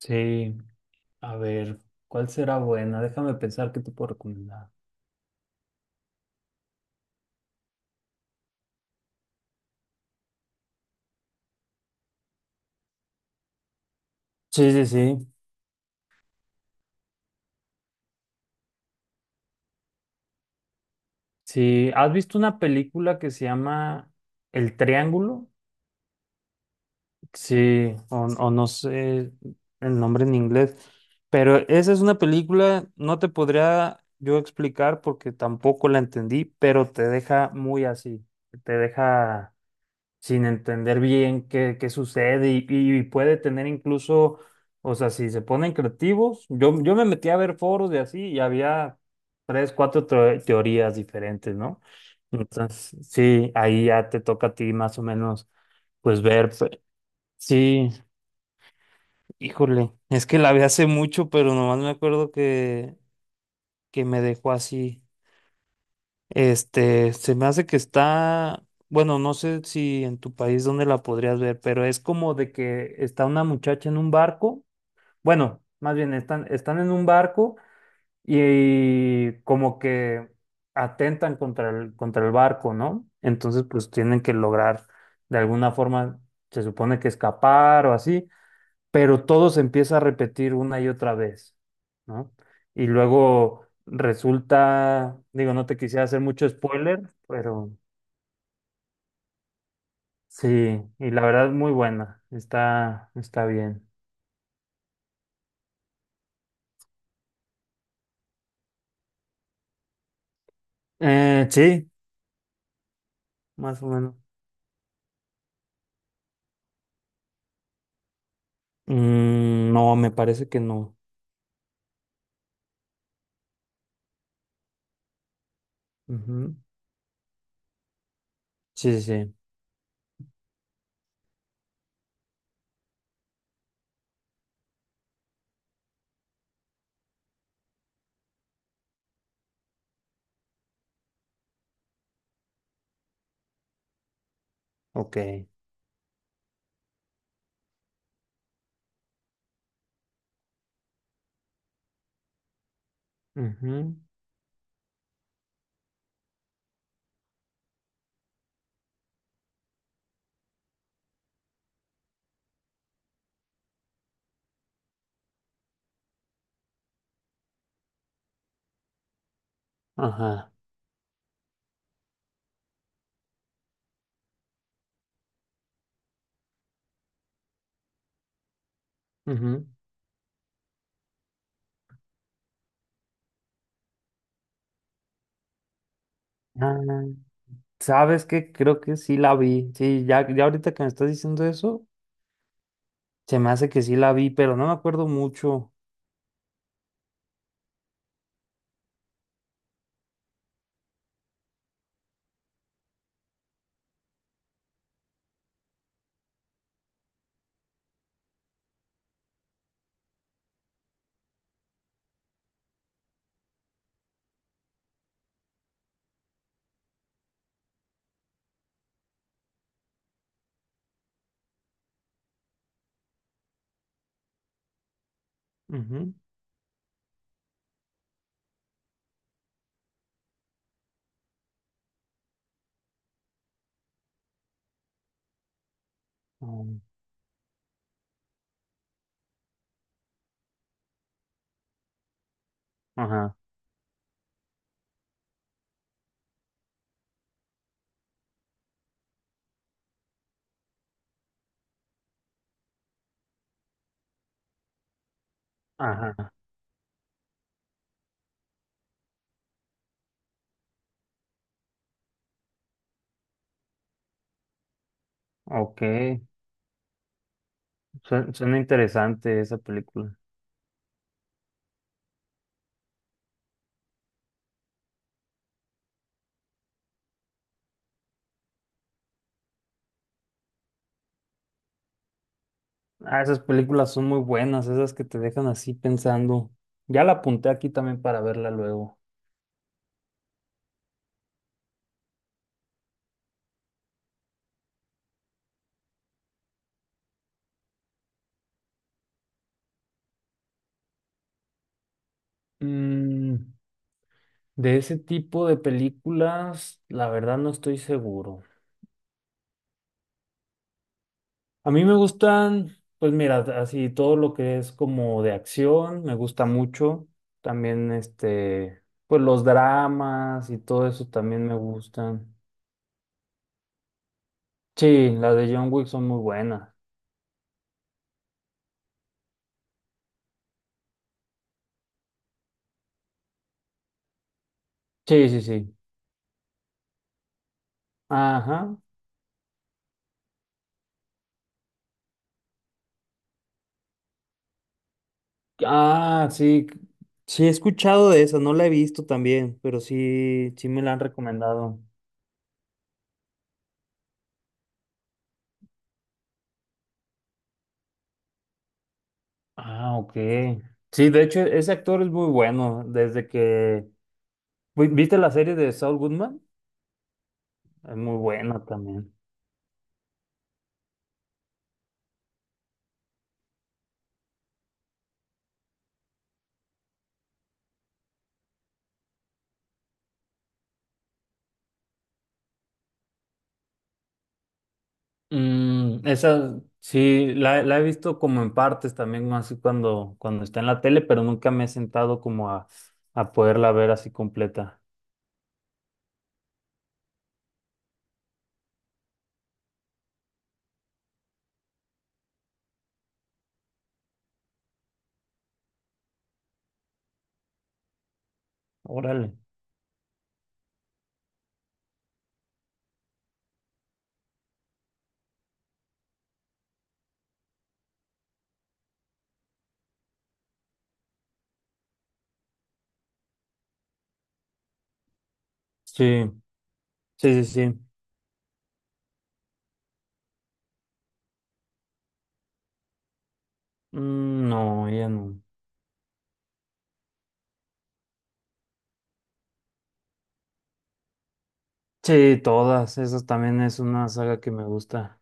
Sí, a ver, ¿cuál será buena? Déjame pensar qué te puedo recomendar. Sí, sí, sí. Sí, ¿has visto una película que se llama El Triángulo? Sí, o no sé el nombre en inglés, pero esa es una película, no te podría yo explicar porque tampoco la entendí, pero te deja muy así, te deja sin entender bien qué, qué sucede y puede tener incluso, o sea, si se ponen creativos, yo me metí a ver foros de así y había tres, cuatro teorías diferentes, ¿no? Entonces, sí, ahí ya te toca a ti más o menos, pues ver, sí, híjole, es que la vi hace mucho, pero nomás me acuerdo que me dejó así. Este, se me hace que está, bueno, no sé si en tu país dónde la podrías ver, pero es como de que está una muchacha en un barco, bueno, más bien están, están en un barco y, como que atentan contra contra el barco, ¿no? Entonces, pues tienen que lograr de alguna forma, se supone que escapar o así, pero todo se empieza a repetir una y otra vez, ¿no? Y luego resulta, digo, no te quisiera hacer mucho spoiler, pero sí, y la verdad muy buena, está, está bien. Sí, más o menos. Mm, no, me parece que no. Ujú. Sí, sí, sí, ok. Ujú. Ajá. Ujú. Ah, ¿sabes qué? Creo que sí la vi. Sí, ya, ya ahorita que me estás diciendo eso, se me hace que sí la vi, pero no me acuerdo mucho. Ujú. Mm, ajá, ajá, ok. Suena, suena interesante esa película. Ah, esas películas son muy buenas, esas que te dejan así pensando. Ya la apunté aquí también para verla luego. Mm, de ese tipo de películas, la verdad no estoy seguro. A mí me gustan, pues mira, así todo lo que es como de acción, me gusta mucho. También este, pues los dramas y todo eso también me gustan. Sí, las de John Wick son muy buenas. Sí, sí, sí. Ajá. Ah, sí. Sí, he escuchado de esa, no la he visto también, pero sí, sí me la han recomendado. Ah, ok. Sí, de hecho, ese actor es muy bueno. Desde que... ¿Viste la serie de Saul Goodman? Es muy buena también. Mm, esa, sí, la he visto como en partes también, así cuando está en la tele, pero nunca me he sentado como a poderla ver así completa. Órale. Sí. Sí, sí, sí. Mm, no, ella no. Sí, todas. Esa también es una saga que me gusta.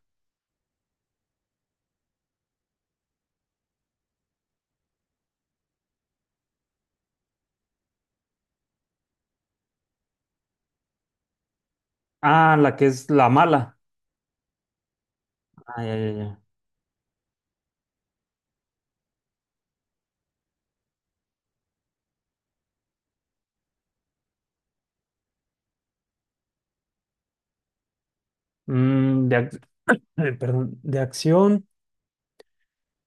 Ah, la que es la mala. Ah, ya, ya, ya. Mm, perdón, de acción.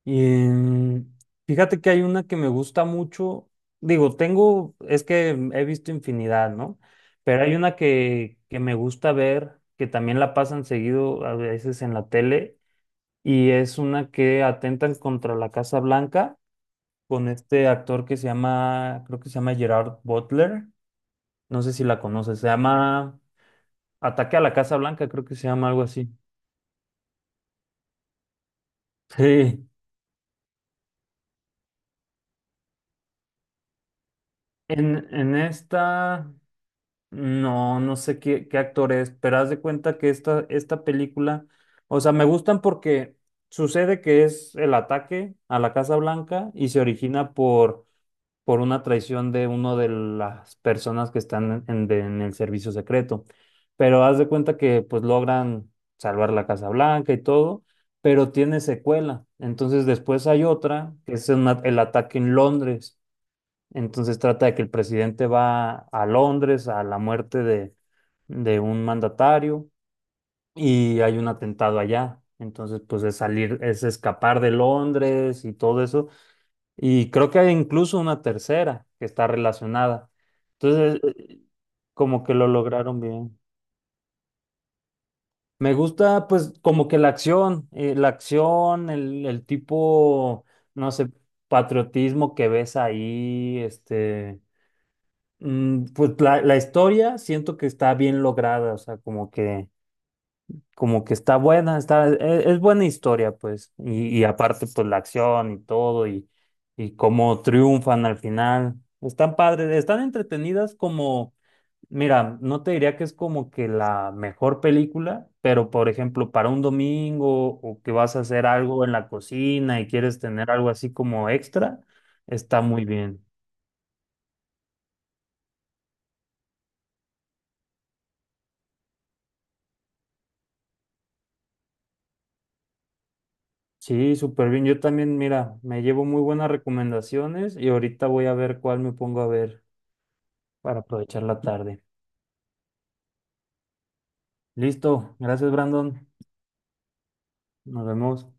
Y, mm, fíjate que hay una que me gusta mucho. Digo, tengo, es que he visto infinidad, ¿no? Pero hay una que me gusta ver, que también la pasan seguido a veces en la tele, y es una que atentan contra la Casa Blanca con este actor que se llama, creo que se llama Gerard Butler, no sé si la conoces, se llama Ataque a la Casa Blanca, creo que se llama algo así. Sí, en esta, no, no sé qué, qué actor es, pero haz de cuenta que esta película, o sea, me gustan porque sucede que es el ataque a la Casa Blanca y se origina por una traición de una de las personas que están en el servicio secreto. Pero haz de cuenta que pues logran salvar la Casa Blanca y todo, pero tiene secuela. Entonces después hay otra, que es el ataque en Londres. Entonces trata de que el presidente va a Londres a la muerte de un mandatario y hay un atentado allá. Entonces, pues es salir, es escapar de Londres y todo eso y creo que hay incluso una tercera que está relacionada. Entonces, como que lo lograron bien. Me gusta, pues, como que la acción, el tipo, no sé, patriotismo que ves ahí, este, mm, pues la historia siento que está bien lograda, o sea, como que está buena, está, es, buena historia, pues. Y aparte, pues la acción y todo, y cómo triunfan al final. Están padres, están entretenidas como, mira, no te diría que es como que la mejor película, pero por ejemplo, para un domingo o que vas a hacer algo en la cocina y quieres tener algo así como extra, está muy bien. Sí, súper bien. Yo también, mira, me llevo muy buenas recomendaciones y ahorita voy a ver cuál me pongo a ver para aprovechar la tarde. Listo, gracias Brandon, nos vemos.